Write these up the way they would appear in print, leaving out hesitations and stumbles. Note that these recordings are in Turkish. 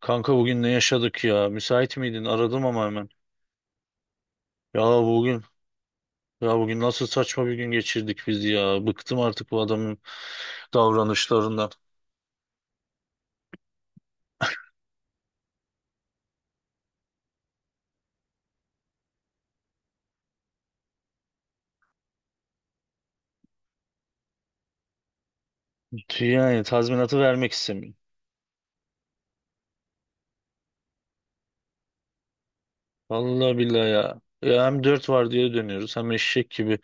Kanka bugün ne yaşadık ya? Müsait miydin? Aradım ama hemen. Ya bugün ya bugün nasıl saçma bir gün geçirdik biz ya. Bıktım artık bu adamın davranışlarından. Yani tazminatı vermek istemiyor. Vallahi billahi ya. Ya hem dört var diye dönüyoruz hem eşek gibi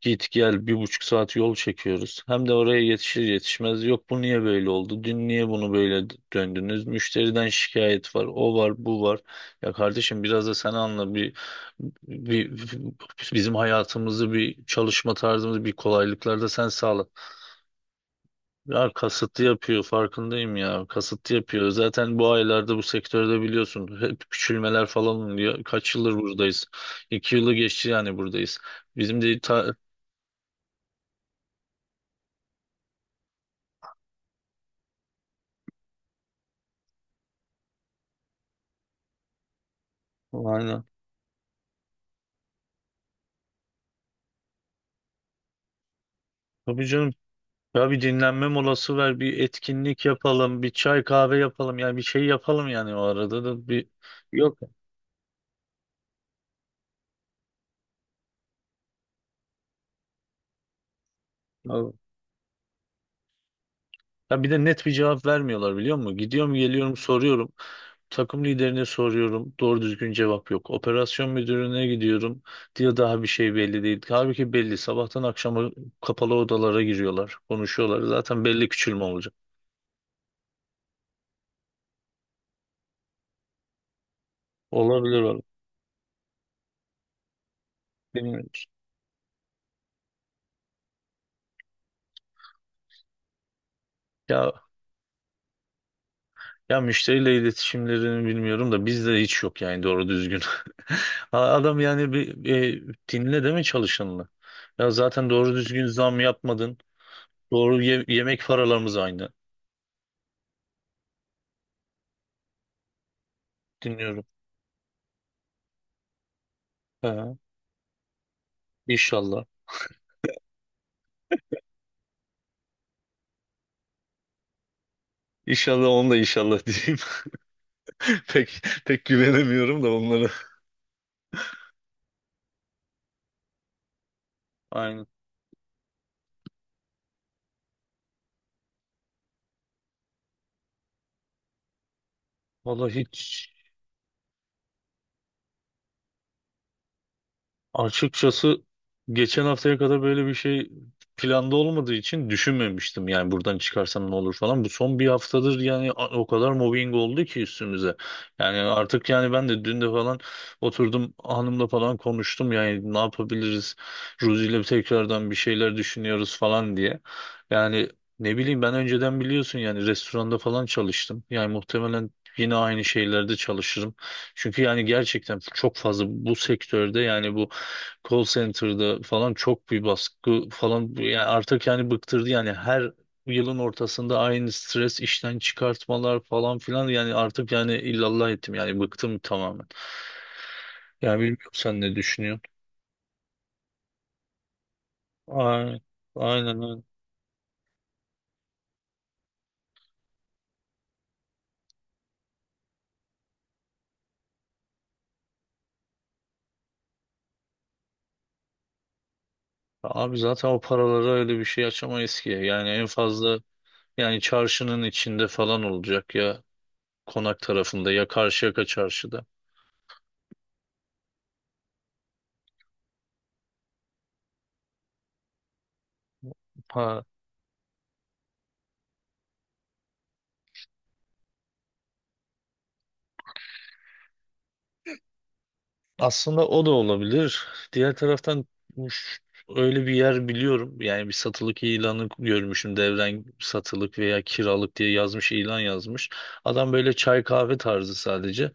git gel 1,5 saat yol çekiyoruz. Hem de oraya yetişir yetişmez yok bu niye böyle oldu? Dün niye bunu böyle döndünüz? Müşteriden şikayet var. O var bu var. Ya kardeşim biraz da sen anla bir bizim hayatımızı bir çalışma tarzımızı bir kolaylıklar da sen sağla. Ya kasıtlı yapıyor farkındayım ya. Kasıtlı yapıyor. Zaten bu aylarda bu sektörde biliyorsun hep küçülmeler falan oluyor. Kaç yıldır buradayız? 2 yılı geçti yani buradayız. Bizim de. Aynen. Tabii canım. Ya bir dinlenme molası ver, bir etkinlik yapalım, bir çay kahve yapalım. Yani bir şey yapalım yani o arada da. Yok. Ya bir de net bir cevap vermiyorlar biliyor musun? Gidiyorum geliyorum soruyorum. Takım liderine soruyorum. Doğru düzgün cevap yok. Operasyon müdürüne gidiyorum. Diyor daha bir şey belli değil. Halbuki belli. Sabahtan akşama kapalı odalara giriyorlar. Konuşuyorlar. Zaten belli küçülme olacak. Olabilir valla. Bilmiyoruz. Ya ya müşteriyle iletişimlerini bilmiyorum da bizde hiç yok yani doğru düzgün. Adam yani bir dinle deme çalışanını. Ya zaten doğru düzgün zam yapmadın. Doğru yemek paralarımız aynı. Dinliyorum. Ha, inşallah. İnşallah onu da inşallah diyeyim. Pek pek güvenemiyorum da onlara. Aynen. Vallahi hiç. Açıkçası geçen haftaya kadar böyle bir şey planda olmadığı için düşünmemiştim. Yani buradan çıkarsam ne olur falan. Bu son bir haftadır yani o kadar mobbing oldu ki üstümüze. Yani artık yani ben de dün de falan oturdum hanımla falan konuştum. Yani ne yapabiliriz? Ruzi ile tekrardan bir şeyler düşünüyoruz falan diye. Yani ne bileyim ben önceden biliyorsun yani restoranda falan çalıştım. Yani muhtemelen yine aynı şeylerde çalışırım. Çünkü yani gerçekten çok fazla bu sektörde yani bu call center'da falan çok bir baskı falan yani artık yani bıktırdı yani her yılın ortasında aynı stres işten çıkartmalar falan filan yani artık yani illallah ettim yani bıktım tamamen. Yani bilmiyorum sen ne düşünüyorsun? Aynen aynen. Öyle. Abi zaten o paralara öyle bir şey açamayız ki. Yani en fazla yani çarşının içinde falan olacak ya konak tarafında ya Karşıyaka çarşıda. Ha, aslında o da olabilir. Diğer taraftan uş- öyle bir yer biliyorum. Yani bir satılık ilanı görmüşüm. Devren satılık veya kiralık diye yazmış, ilan yazmış. Adam böyle çay kahve tarzı sadece.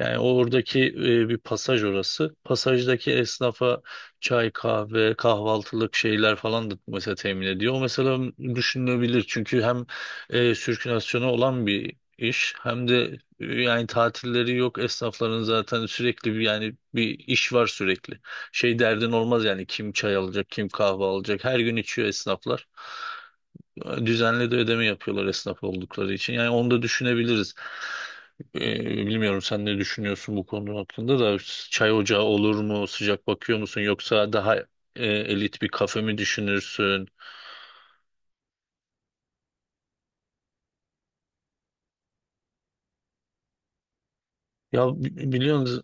Yani oradaki bir pasaj orası. Pasajdaki esnafa çay, kahve, kahvaltılık şeyler falan da mesela temin ediyor. O mesela düşünülebilir. Çünkü hem sirkülasyonu olan bir iş. Hem de yani tatilleri yok. Esnafların zaten sürekli bir yani bir iş var sürekli. Şey derdin olmaz yani kim çay alacak, kim kahve alacak. Her gün içiyor esnaflar. Düzenli de ödeme yapıyorlar esnaf oldukları için. Yani onu da düşünebiliriz. E, Bilmiyorum sen ne düşünüyorsun bu konu hakkında da çay ocağı olur mu? Sıcak bakıyor musun? Yoksa daha elit bir kafe mi düşünürsün? Ya biliyorsunuz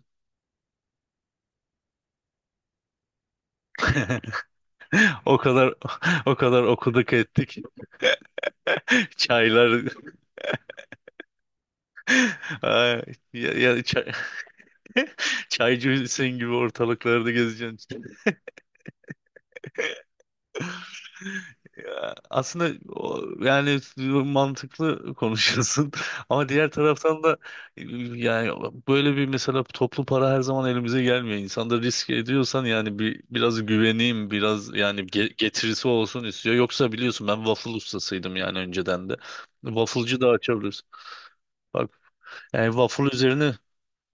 o kadar o kadar okuduk ettik. Çaylar Ay, ya çay, çaycısın gibi ortalıklarda gezeceksin. Ya, aslında o, yani mantıklı konuşuyorsun, ama diğer taraftan da yani böyle bir mesela toplu para her zaman elimize gelmiyor. İnsan da risk ediyorsan yani bir biraz güveneyim, biraz yani getirisi olsun istiyor. Yoksa biliyorsun ben waffle ustasıydım yani önceden de. Wafflecı da açabiliriz. Bak yani waffle üzerine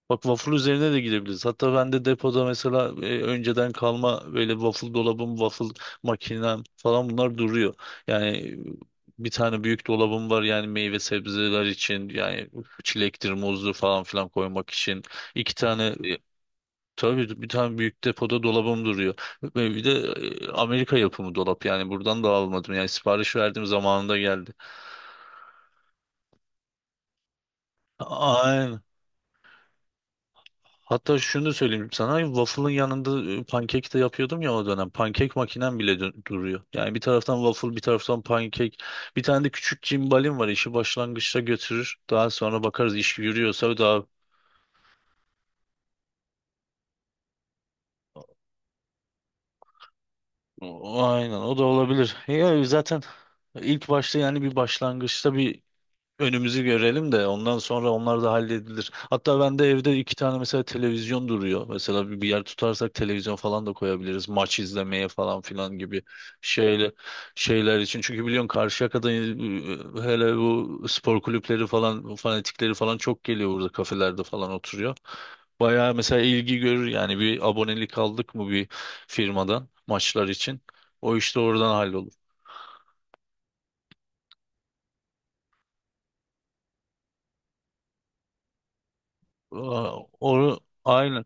Bak waffle üzerine de gidebiliriz. Hatta ben de depoda mesela önceden kalma böyle waffle dolabım, waffle makinem falan bunlar duruyor. Yani bir tane büyük dolabım var yani meyve sebzeler için yani çilektir, muzlu falan filan koymak için. İki tane e, tabii bir tane büyük depoda dolabım duruyor. Ve bir de Amerika yapımı dolap yani buradan da almadım. Yani sipariş verdiğim zamanında geldi. Aynen. Hatta şunu da söyleyeyim sana waffle'ın yanında pankek de yapıyordum ya o dönem. Pankek makinem bile duruyor. Yani bir taraftan waffle bir taraftan pankek. Bir tane de küçük cimbalim var işi başlangıçta götürür. Daha sonra bakarız iş yürüyorsa daha aynen o da olabilir. Ya zaten ilk başta yani bir başlangıçta bir önümüzü görelim de ondan sonra onlar da halledilir. Hatta ben de evde iki tane mesela televizyon duruyor. Mesela bir yer tutarsak televizyon falan da koyabiliriz. Maç izlemeye falan filan gibi şeyle şeyler için. Çünkü biliyorsun Karşıyaka'da hele bu spor kulüpleri falan fanatikleri falan çok geliyor burada kafelerde falan oturuyor. Bayağı mesela ilgi görür yani bir abonelik aldık mı bir firmadan maçlar için. O işte oradan hallolur. Aa, onu, aynen.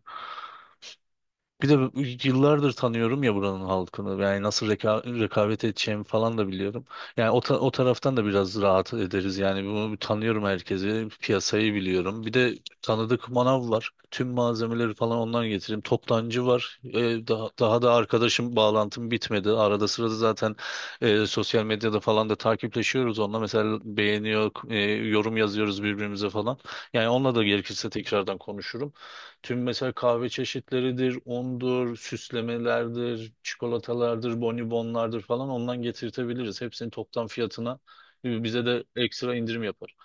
Bir de yıllardır tanıyorum ya buranın halkını. Yani nasıl rekabet edeceğimi falan da biliyorum. Yani o, o taraftan da biraz rahat ederiz. Yani bunu bir tanıyorum herkesi. Piyasayı biliyorum. Bir de tanıdık manav var. Tüm malzemeleri falan ondan getireyim. Toptancı var. Daha da arkadaşım bağlantım bitmedi. Arada sırada zaten sosyal medyada falan da takipleşiyoruz onunla. Mesela beğeniyor, yorum yazıyoruz birbirimize falan. Yani onunla da gerekirse tekrardan konuşurum. Tüm mesela kahve çeşitleridir, undur, süslemelerdir, çikolatalardır, bonibonlardır falan ondan getirtebiliriz. Hepsini toptan fiyatına bize de ekstra indirim yapar.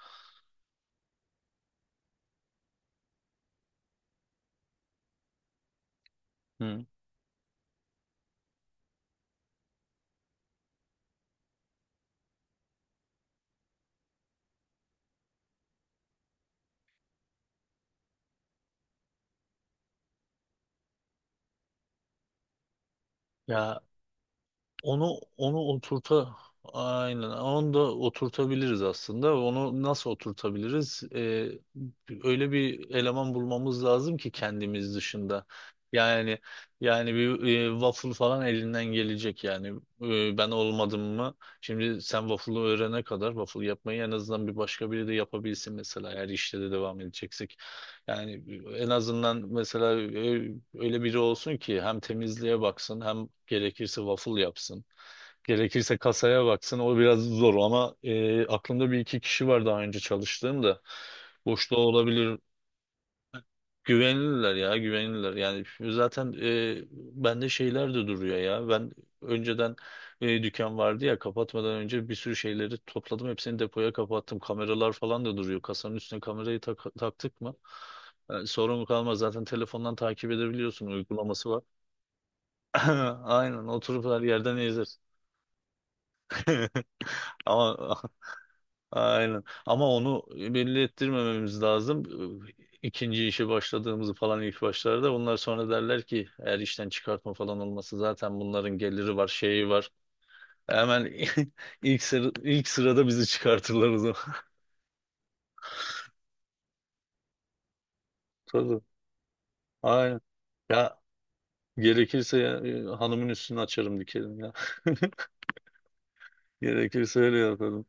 Hı. Ya Onu onu oturta aynen onu da oturtabiliriz aslında. Onu nasıl oturtabiliriz? Öyle bir eleman bulmamız lazım ki kendimiz dışında. Yani yani bir waffle falan elinden gelecek yani. Ben olmadım mı? Şimdi sen waffle'ı öğrene kadar waffle yapmayı en azından bir başka biri de yapabilsin mesela eğer işte de devam edeceksek. Yani en azından mesela öyle biri olsun ki hem temizliğe baksın hem gerekirse waffle yapsın. Gerekirse kasaya baksın. O biraz zor ama aklımda bir iki kişi var daha önce çalıştığım da. Boşta olabilir. Güvenilirler ya güvenilirler. Yani zaten bende şeyler de duruyor ya. Ben önceden dükkan vardı ya kapatmadan önce bir sürü şeyleri topladım. Hepsini depoya kapattım. Kameralar falan da duruyor. Kasanın üstüne kamerayı taktık mı? Yani sorun kalmaz. Zaten telefondan takip edebiliyorsun. Uygulaması var. Aynen oturup her yerden izler. Ama aynen. Ama onu belli ettirmememiz lazım. İkinci işe başladığımızı falan ilk başlarda. Bunlar sonra derler ki eğer işten çıkartma falan olması zaten bunların geliri var, şeyi var. Hemen ilk sırada bizi çıkartırlar o zaman. Tabii. Aynen. Ya gerekirse ya, hanımın üstünü açarım dikerim ya. Gerekirse öyle yaparım.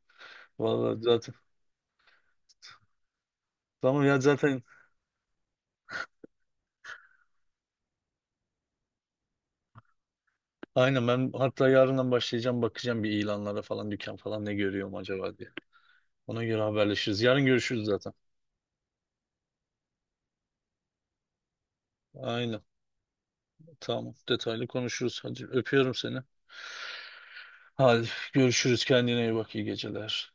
Vallahi zaten. Tamam ya zaten. Aynen ben hatta yarından başlayacağım bakacağım bir ilanlara falan dükkan falan ne görüyorum acaba diye. Ona göre haberleşiriz. Yarın görüşürüz zaten. Aynen. Tamam. Detaylı konuşuruz. Hadi öpüyorum seni. Hadi görüşürüz. Kendine iyi bak. İyi geceler.